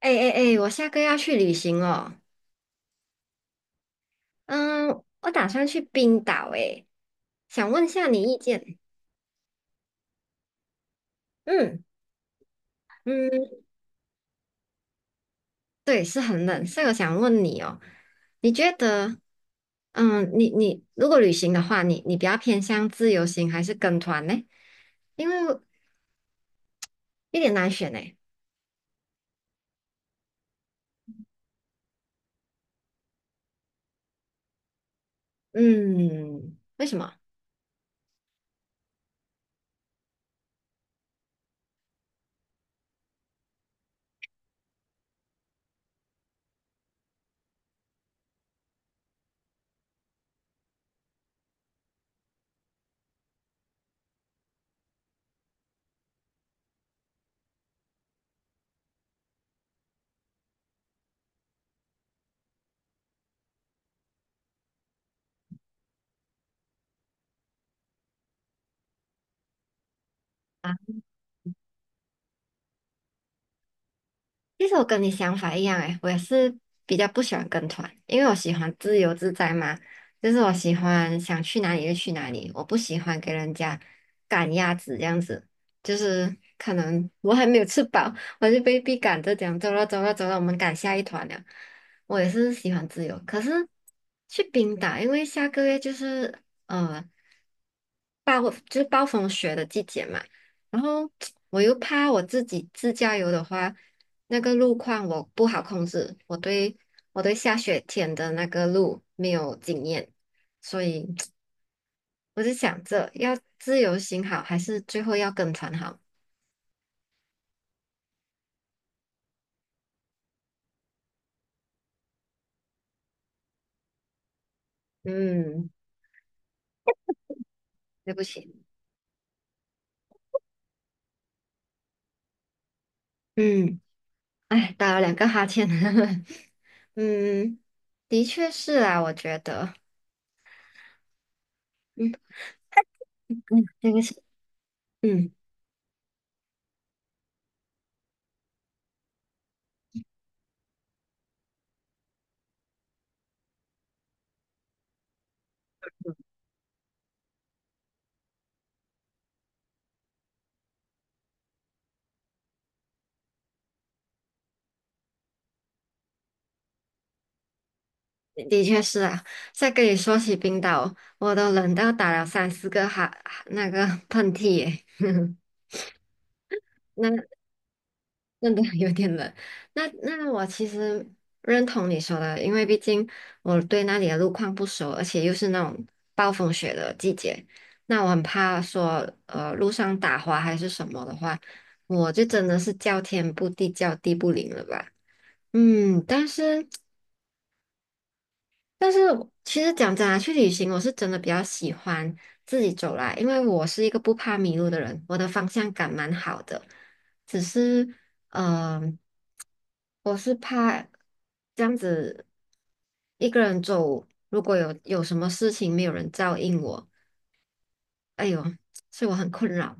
哎哎哎，我下个月要去旅行哦。嗯，我打算去冰岛哎，想问下你意见。嗯嗯，对，是很冷，所以我想问你哦，你觉得，你如果旅行的话，你比较偏向自由行还是跟团呢？因为有点难选哎。嗯，为什么？其实我跟你想法一样诶，我也是比较不喜欢跟团，因为我喜欢自由自在嘛，就是我喜欢想去哪里就去哪里，我不喜欢给人家赶鸭子这样子，就是可能我还没有吃饱，我就被逼赶着讲走了走了走了，我们赶下一团了。我也是喜欢自由，可是去冰岛，因为下个月就是呃暴风雪的季节嘛，然后 我又怕我自己自驾游的话。那个路况我不好控制，我对下雪天的那个路没有经验，所以 我就想着要自由行好，还是最后要跟团好？嗯，对不起。嗯，哎，打了两个哈欠，嗯，的确是啊，我觉得，嗯嗯，对不起。嗯，的确是啊。再跟你说起冰岛，我都冷到打了三四个哈那个喷嚏耶。那真的 有点冷。那我其实认同你说的，因为毕竟我对那里的路况不熟，而且又是那种暴风雪的季节，那我很怕说路上打滑还是什么的话，我就真的是叫天不地叫地不灵了吧。嗯，但是其实讲真啊，去旅行我是真的比较喜欢自己走啦，因为我是一个不怕迷路的人，我的方向感蛮好的，只是。嗯、呃我是怕这样子一个人走，如果有什么事情没有人照应我，哎呦，所以我很困扰。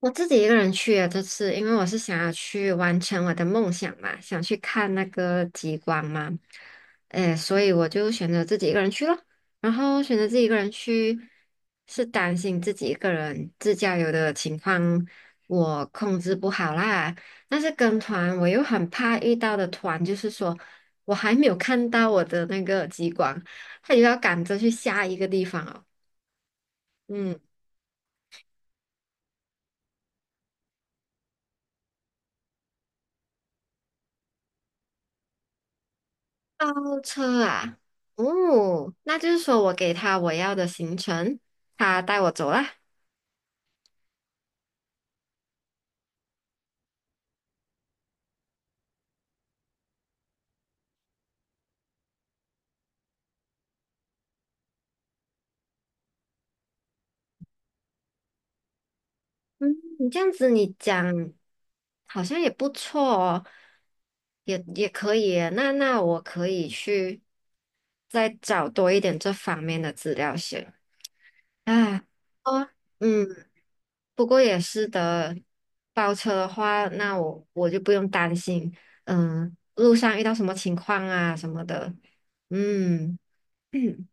我自己一个人去啊，这次，因为我是想要去完成我的梦想嘛，想去看那个极光嘛，诶，所以我就选择自己一个人去了。然后选择自己一个人去，是担心自己一个人自驾游的情况我控制不好啦。但是跟团我又很怕遇到的团，就是说我还没有看到我的那个极光，他就要赶着去下一个地方哦。嗯。包车啊，哦，那就是说我给他我要的行程，他带我走啦。嗯，你这样子你讲好像也不错哦，也可以耶，那我可以去再找多一点这方面的资料先。啊，哦，嗯，不过也是的，包车的话，那我就不用担心，嗯，路上遇到什么情况啊什么的，嗯。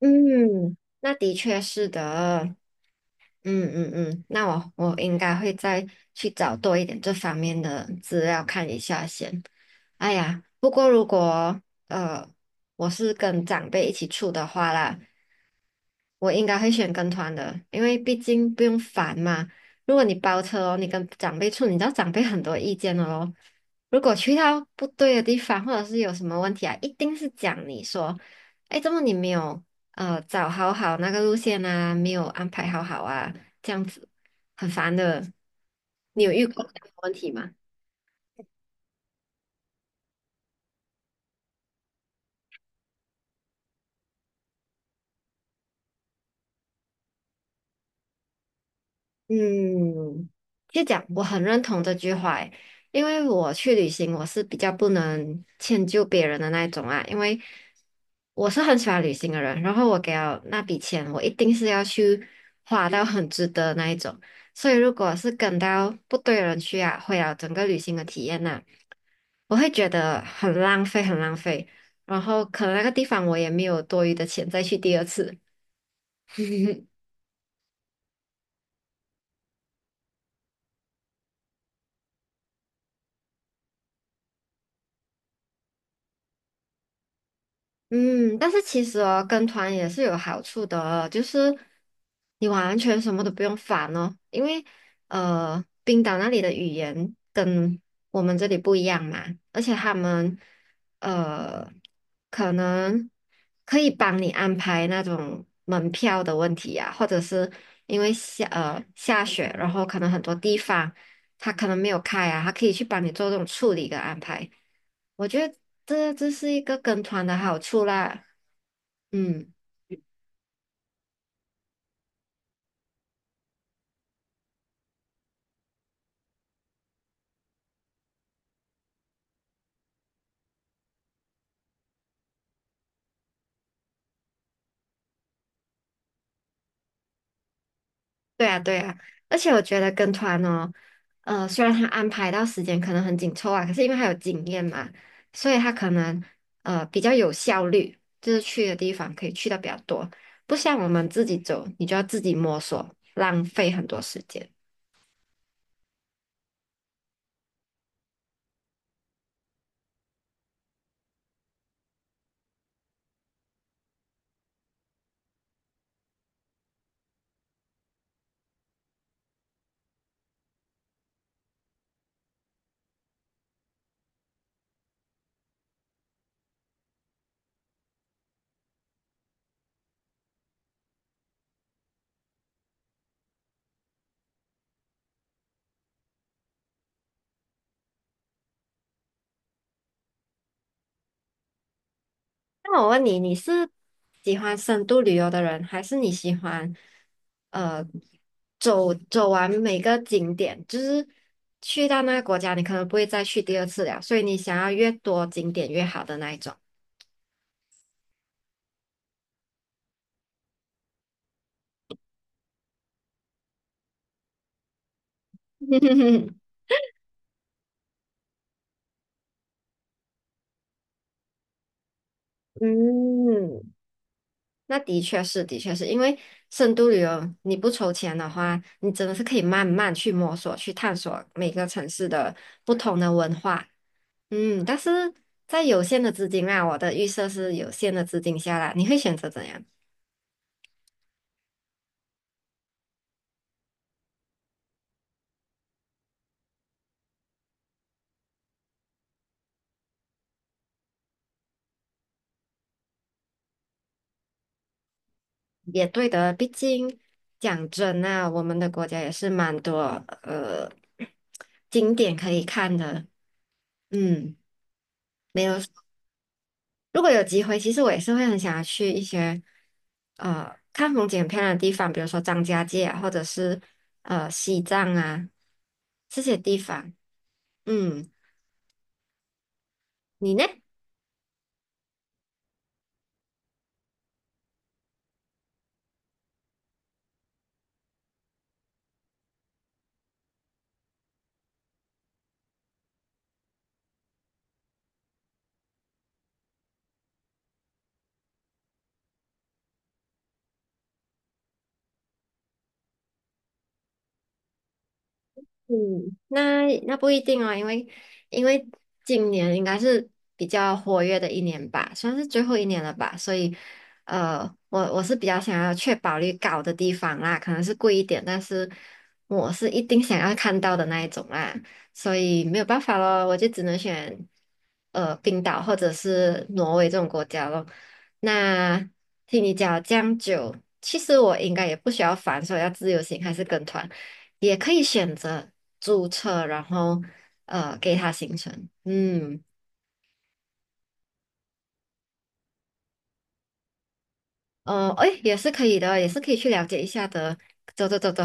嗯，那的确是的，嗯，那我应该会再去找多一点这方面的资料看一下先。哎呀，不过如果呃我是跟长辈一起住的话啦，我应该会选跟团的，因为毕竟不用烦嘛。如果你包车哦，你跟长辈处，你知道长辈很多意见的咯。如果去到不对的地方，或者是有什么问题啊，一定是讲你说，哎，怎么你没有找好好那个路线啊，没有安排好好啊，这样子很烦的。你有遇过这样的问题吗？嗯，就讲我很认同这句话诶，因为我去旅行，我是比较不能迁就别人的那一种啊，因为我是很喜欢旅行的人，然后我给了那笔钱，我一定是要去花到很值得那一种，所以如果是跟到不对的人去啊，毁了整个旅行的体验呐、我会觉得很浪费，很浪费，然后可能那个地方我也没有多余的钱再去第二次。嗯，但是其实哦，跟团也是有好处的哦，就是你完全什么都不用烦哦，因为冰岛那里的语言跟我们这里不一样嘛，而且他们呃，可能可以帮你安排那种门票的问题呀、或者是因为下雪，然后可能很多地方。他可能没有开啊，他可以去帮你做这种处理跟安排。我觉得这是一个跟团的好处啦。嗯，对啊，对啊，而且我觉得跟团哦，虽然他安排到时间可能很紧凑啊，可是因为他有经验嘛，所以他可能比较有效率，就是去的地方可以去的比较多，不像我们自己走，你就要自己摸索，浪费很多时间。那我问你，你是喜欢深度旅游的人，还是你喜欢呃走走完每个景点？就是去到那个国家，你可能不会再去第二次了，所以你想要越多景点越好的那一种。嗯，那的确是，的确是因为深度旅游，你不筹钱的话，你真的是可以慢慢去摸索、去探索每个城市的不同的文化。嗯，但是在有限的资金啊，我的预设是有限的资金下啦，你会选择怎样？也对的，毕竟讲真啊，我们的国家也是蛮多呃景点可以看的。嗯，没有错，如果有机会，其实我也是会很想要去一些看风景很漂亮的地方，比如说张家界啊，或者是西藏啊这些地方。嗯，你呢？嗯，那那不一定哦，因为因为今年应该是比较活跃的一年吧，算是最后一年了吧，所以呃，我是比较想要确保率高的地方啦，可能是贵一点，但是我是一定想要看到的那一种啦，所以没有办法咯，我就只能选冰岛或者是挪威这种国家咯。那听你讲了这样久，其实我应该也不需要烦说要自由行还是跟团。也可以选择注册，然后给它行程，嗯，哎，也是可以的，也是可以去了解一下的。走走走走。